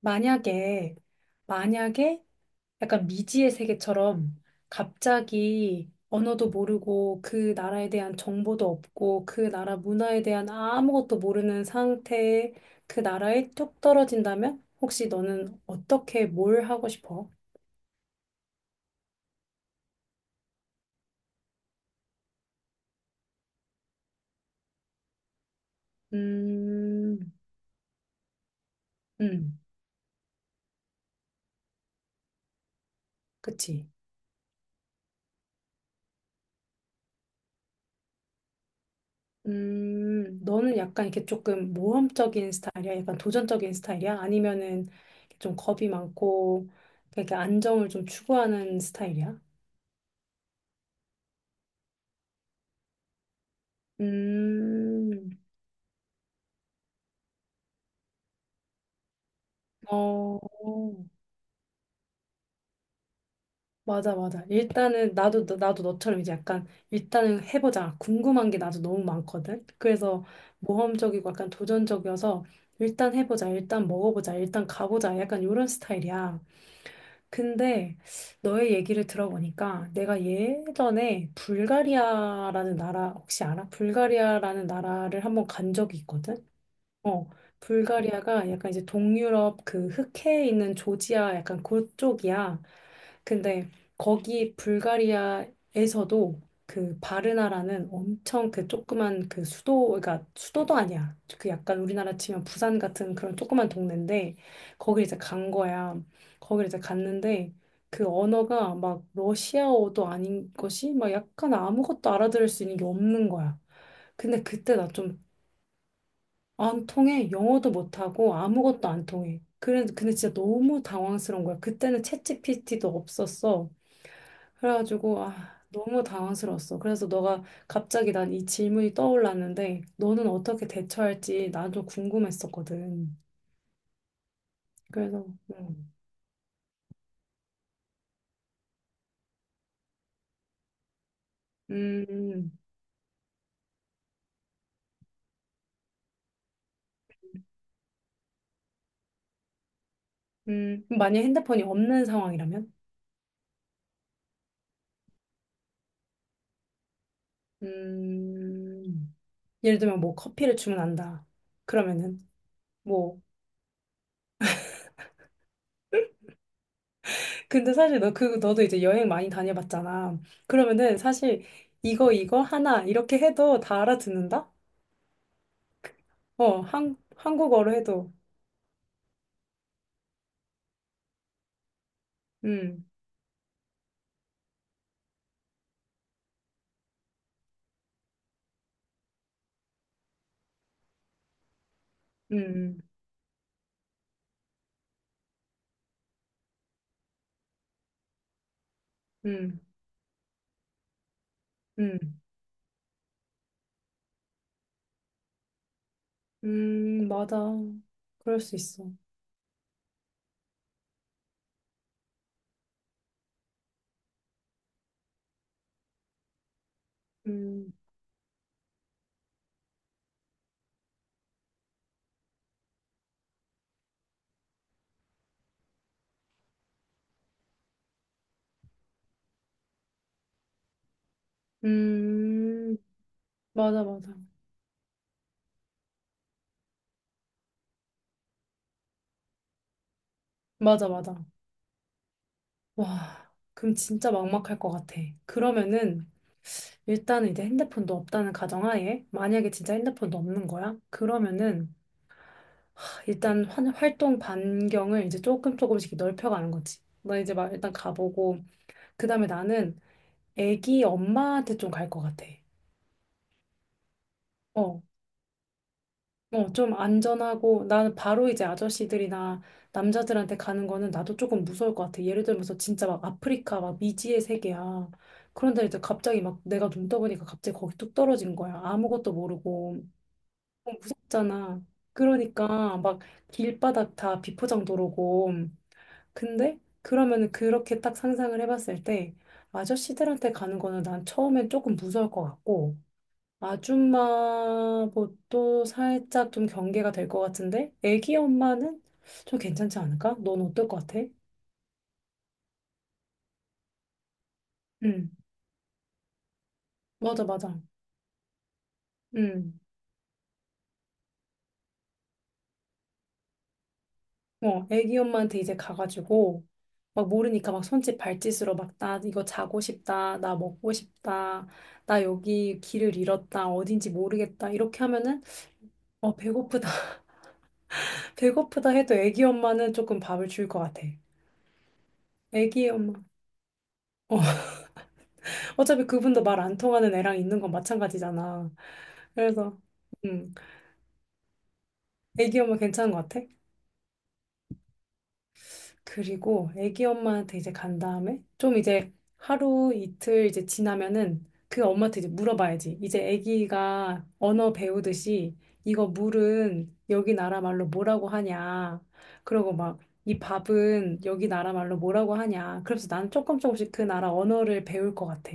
만약에, 만약에 약간 미지의 세계처럼 갑자기 언어도 모르고 그 나라에 대한 정보도 없고 그 나라 문화에 대한 아무것도 모르는 상태에 그 나라에 뚝 떨어진다면 혹시 너는 어떻게 뭘 하고 싶어? 음, 음, 그치. 너는 약간 이렇게 조금 모험적인 스타일이야? 약간 도전적인 스타일이야? 아니면은 좀 겁이 많고, 이렇게 안정을 좀 추구하는 스타일이야? 음, 어, 맞아, 맞아. 일단은 나도, 나도 너처럼 이제 약간 일단은 해보자. 궁금한 게 나도 너무 많거든? 그래서 모험적이고 약간 도전적이어서 일단 해보자. 일단 먹어보자. 일단 가보자. 약간 이런 스타일이야. 근데 너의 얘기를 들어보니까 내가 예전에 불가리아라는 나라 혹시 알아? 불가리아라는 나라를 한번 간 적이 있거든. 어, 불가리아가 약간 이제 동유럽 그 흑해에 있는 조지아 약간 그쪽이야. 근데 거기 불가리아에서도 그 바르나라는 엄청 그 조그만 그 수도, 그러니까 수도도 아니야. 그 약간 우리나라 치면 부산 같은 그런 조그만 동네인데 거기 이제 간 거야. 거기를 이제 갔는데 그 언어가 막 러시아어도 아닌 것이 막 약간 아무것도 알아들을 수 있는 게 없는 거야. 근데 그때 나좀 안 통해. 영어도 못하고 아무것도 안 통해. 그래, 근데 진짜 너무 당황스러운 거야. 그때는 챗GPT도 없었어. 그래가지고, 아, 너무 당황스러웠어. 그래서 너가 갑자기 난 이 질문이 떠올랐는데, 너는 어떻게 대처할지 나도 궁금했었거든. 그래서, 음, 음, 만약 핸드폰이 없는 상황이라면? 음, 예를 들면 뭐 커피를 주문한다. 그러면은, 뭐 근데 사실 너 그 너도 이제 여행 많이 다녀봤잖아. 그러면은 사실 이거 하나 이렇게 해도 다 알아듣는다? 어, 한 한국어로 해도. 음. 음. 음. 음. 맞아. 그럴 수 있어. 음. 음. 맞아, 맞아. 맞아, 맞아. 와. 그럼 진짜 막막할 것 같아. 그러면은 일단은 이제 핸드폰도 없다는 가정하에 만약에 진짜 핸드폰도 없는 거야? 그러면은 일단 활동 반경을 이제 조금 조금씩 넓혀가는 거지. 나 이제 막 일단 가보고 그다음에 나는 애기 엄마한테 좀 갈 것 같아. 어, 어, 좀 안전하고 나는 바로 이제 아저씨들이나 남자들한테 가는 거는 나도 조금 무서울 것 같아. 예를 들면서 진짜 막 아프리카 막 미지의 세계야. 그런데 이제 갑자기 막 내가 눈 떠보니까 갑자기 거기 뚝 떨어진 거야. 아무것도 모르고 어, 무섭잖아. 그러니까 막 길바닥 다 비포장 도로고 근데 그러면은 그렇게 딱 상상을 해봤을 때 아저씨들한테 가는 거는 난 처음엔 조금 무서울 것 같고 아줌마도 살짝 좀 경계가 될 것 같은데 애기 엄마는 좀 괜찮지 않을까? 넌 어떨 것 같아? 응, 맞아, 맞아. 응, 어, 애기 엄마한테 이제 가가지고 막 모르니까 막 손짓 발짓으로 막 나 이거 자고 싶다, 나 먹고 싶다, 나 여기 길을 잃었다, 어딘지 모르겠다 이렇게 하면은 어, 배고프다. 배고프다 해도 애기 엄마는 조금 밥을 줄 것 같아. 애기 엄마. 어, 어차피 그분도 말 안 통하는 애랑 있는 건 마찬가지잖아. 그래서, 음, 애기 엄마 괜찮은 것 같아? 그리고 애기 엄마한테 이제 간 다음에 좀 이제 하루 이틀 이제 지나면은 그 엄마한테 이제 물어봐야지. 이제 애기가 언어 배우듯이 이거 물은 여기 나라 말로 뭐라고 하냐. 그러고 막 이 밥은 여기 나라 말로 뭐라고 하냐. 그래서 난 조금 조금씩 그 나라 언어를 배울 것 같아.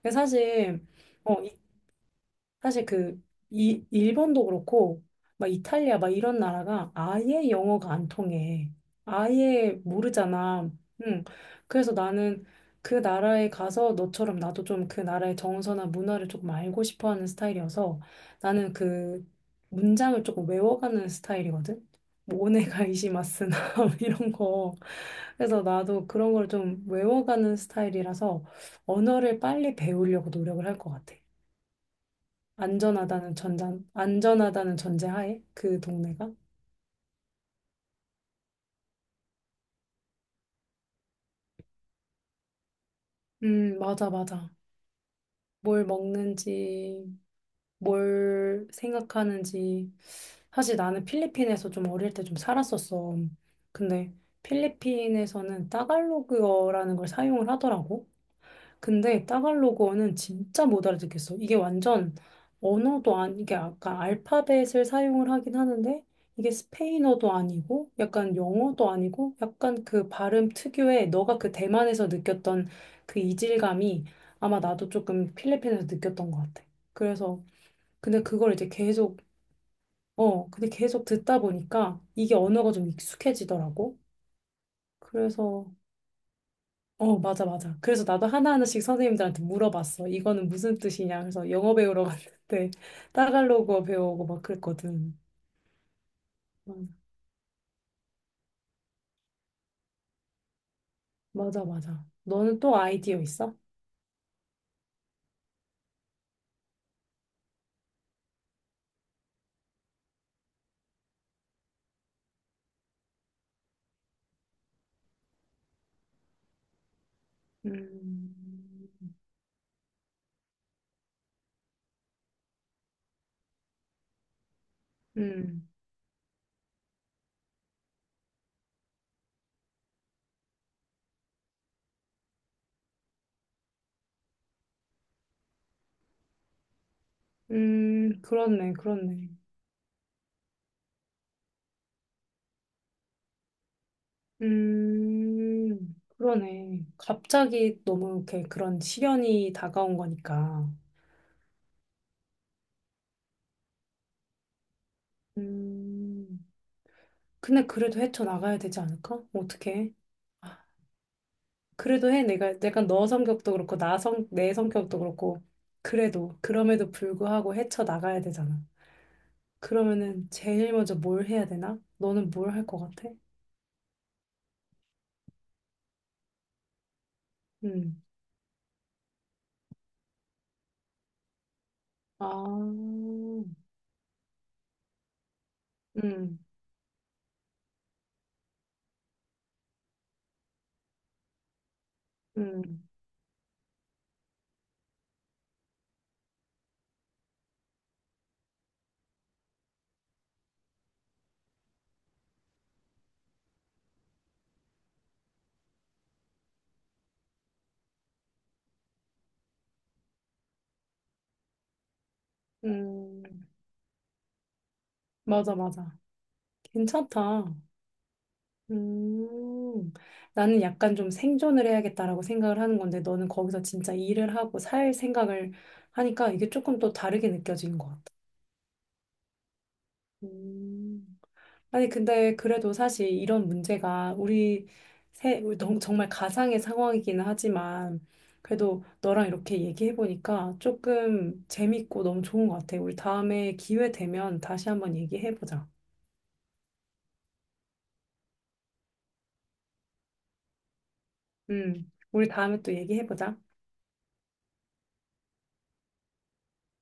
근데 사실 어, 사실 그 일본도 그렇고 막 이탈리아 막 이런 나라가 아예 영어가 안 통해. 아예 모르잖아. 응. 그래서 나는 그 나라에 가서 너처럼 나도 좀 그 나라의 정서나 문화를 조금 알고 싶어 하는 스타일이어서 나는 그 문장을 조금 외워가는 스타일이거든. 뭐 오네가이시마스나 이런 거. 그래서 나도 그런 걸 좀 외워가는 스타일이라서 언어를 빨리 배우려고 노력을 할 것 같아. 안전하다는 안전하다는 전제하에 그 동네가? 맞아, 맞아. 뭘 먹는지, 뭘 생각하는지. 사실 나는 필리핀에서 좀 어릴 때 좀 살았었어. 근데 필리핀에서는 따갈로그어라는 걸 사용을 하더라고. 근데 따갈로그어는 진짜 못 알아듣겠어. 이게 완전 언어도 아니, 이게 아까 알파벳을 사용을 하긴 하는데 이게 스페인어도 아니고 약간 영어도 아니고 약간 그 발음 특유의 너가 그 대만에서 느꼈던 그 이질감이 아마 나도 조금 필리핀에서 느꼈던 것 같아. 그래서 근데 그걸 이제 계속 어, 근데 계속 듣다 보니까 이게 언어가 좀 익숙해지더라고. 그래서 어, 맞아, 맞아. 그래서 나도 하나하나씩 선생님들한테 물어봤어. 이거는 무슨 뜻이냐. 그래서 영어 배우러 갔는데 따갈로그어 배우고 막 그랬거든. 음, 맞아, 맞아. 너는 또 아이디어 있어? 음, 음, 그렇네, 그렇네. 그러네. 갑자기 너무 이렇게 그런 시련이 다가온 거니까. 음, 근데 그래도 헤쳐나가야 되지 않을까? 어떻게? 그래도 해. 내가 너 성격도 그렇고, 내 성격도 그렇고, 그래도, 그럼에도 불구하고 헤쳐나가야 되잖아. 그러면은 제일 먼저 뭘 해야 되나? 너는 뭘 할 것 같아? 음, 아, 음, 음, 음, 맞아, 맞아. 괜찮다. 음, 나는 약간 좀 생존을 해야겠다라고 생각을 하는 건데, 너는 거기서 진짜 일을 하고 살 생각을 하니까 이게 조금 또 다르게 느껴지는 것 같아. 음, 아니, 근데 그래도 사실 이런 문제가 우리 우리 정말 가상의 상황이기는 하지만, 그래도 너랑 이렇게 얘기해보니까 조금 재밌고 너무 좋은 것 같아. 우리 다음에 기회 되면 다시 한번 얘기해보자. 우리 다음에 또 얘기해보자.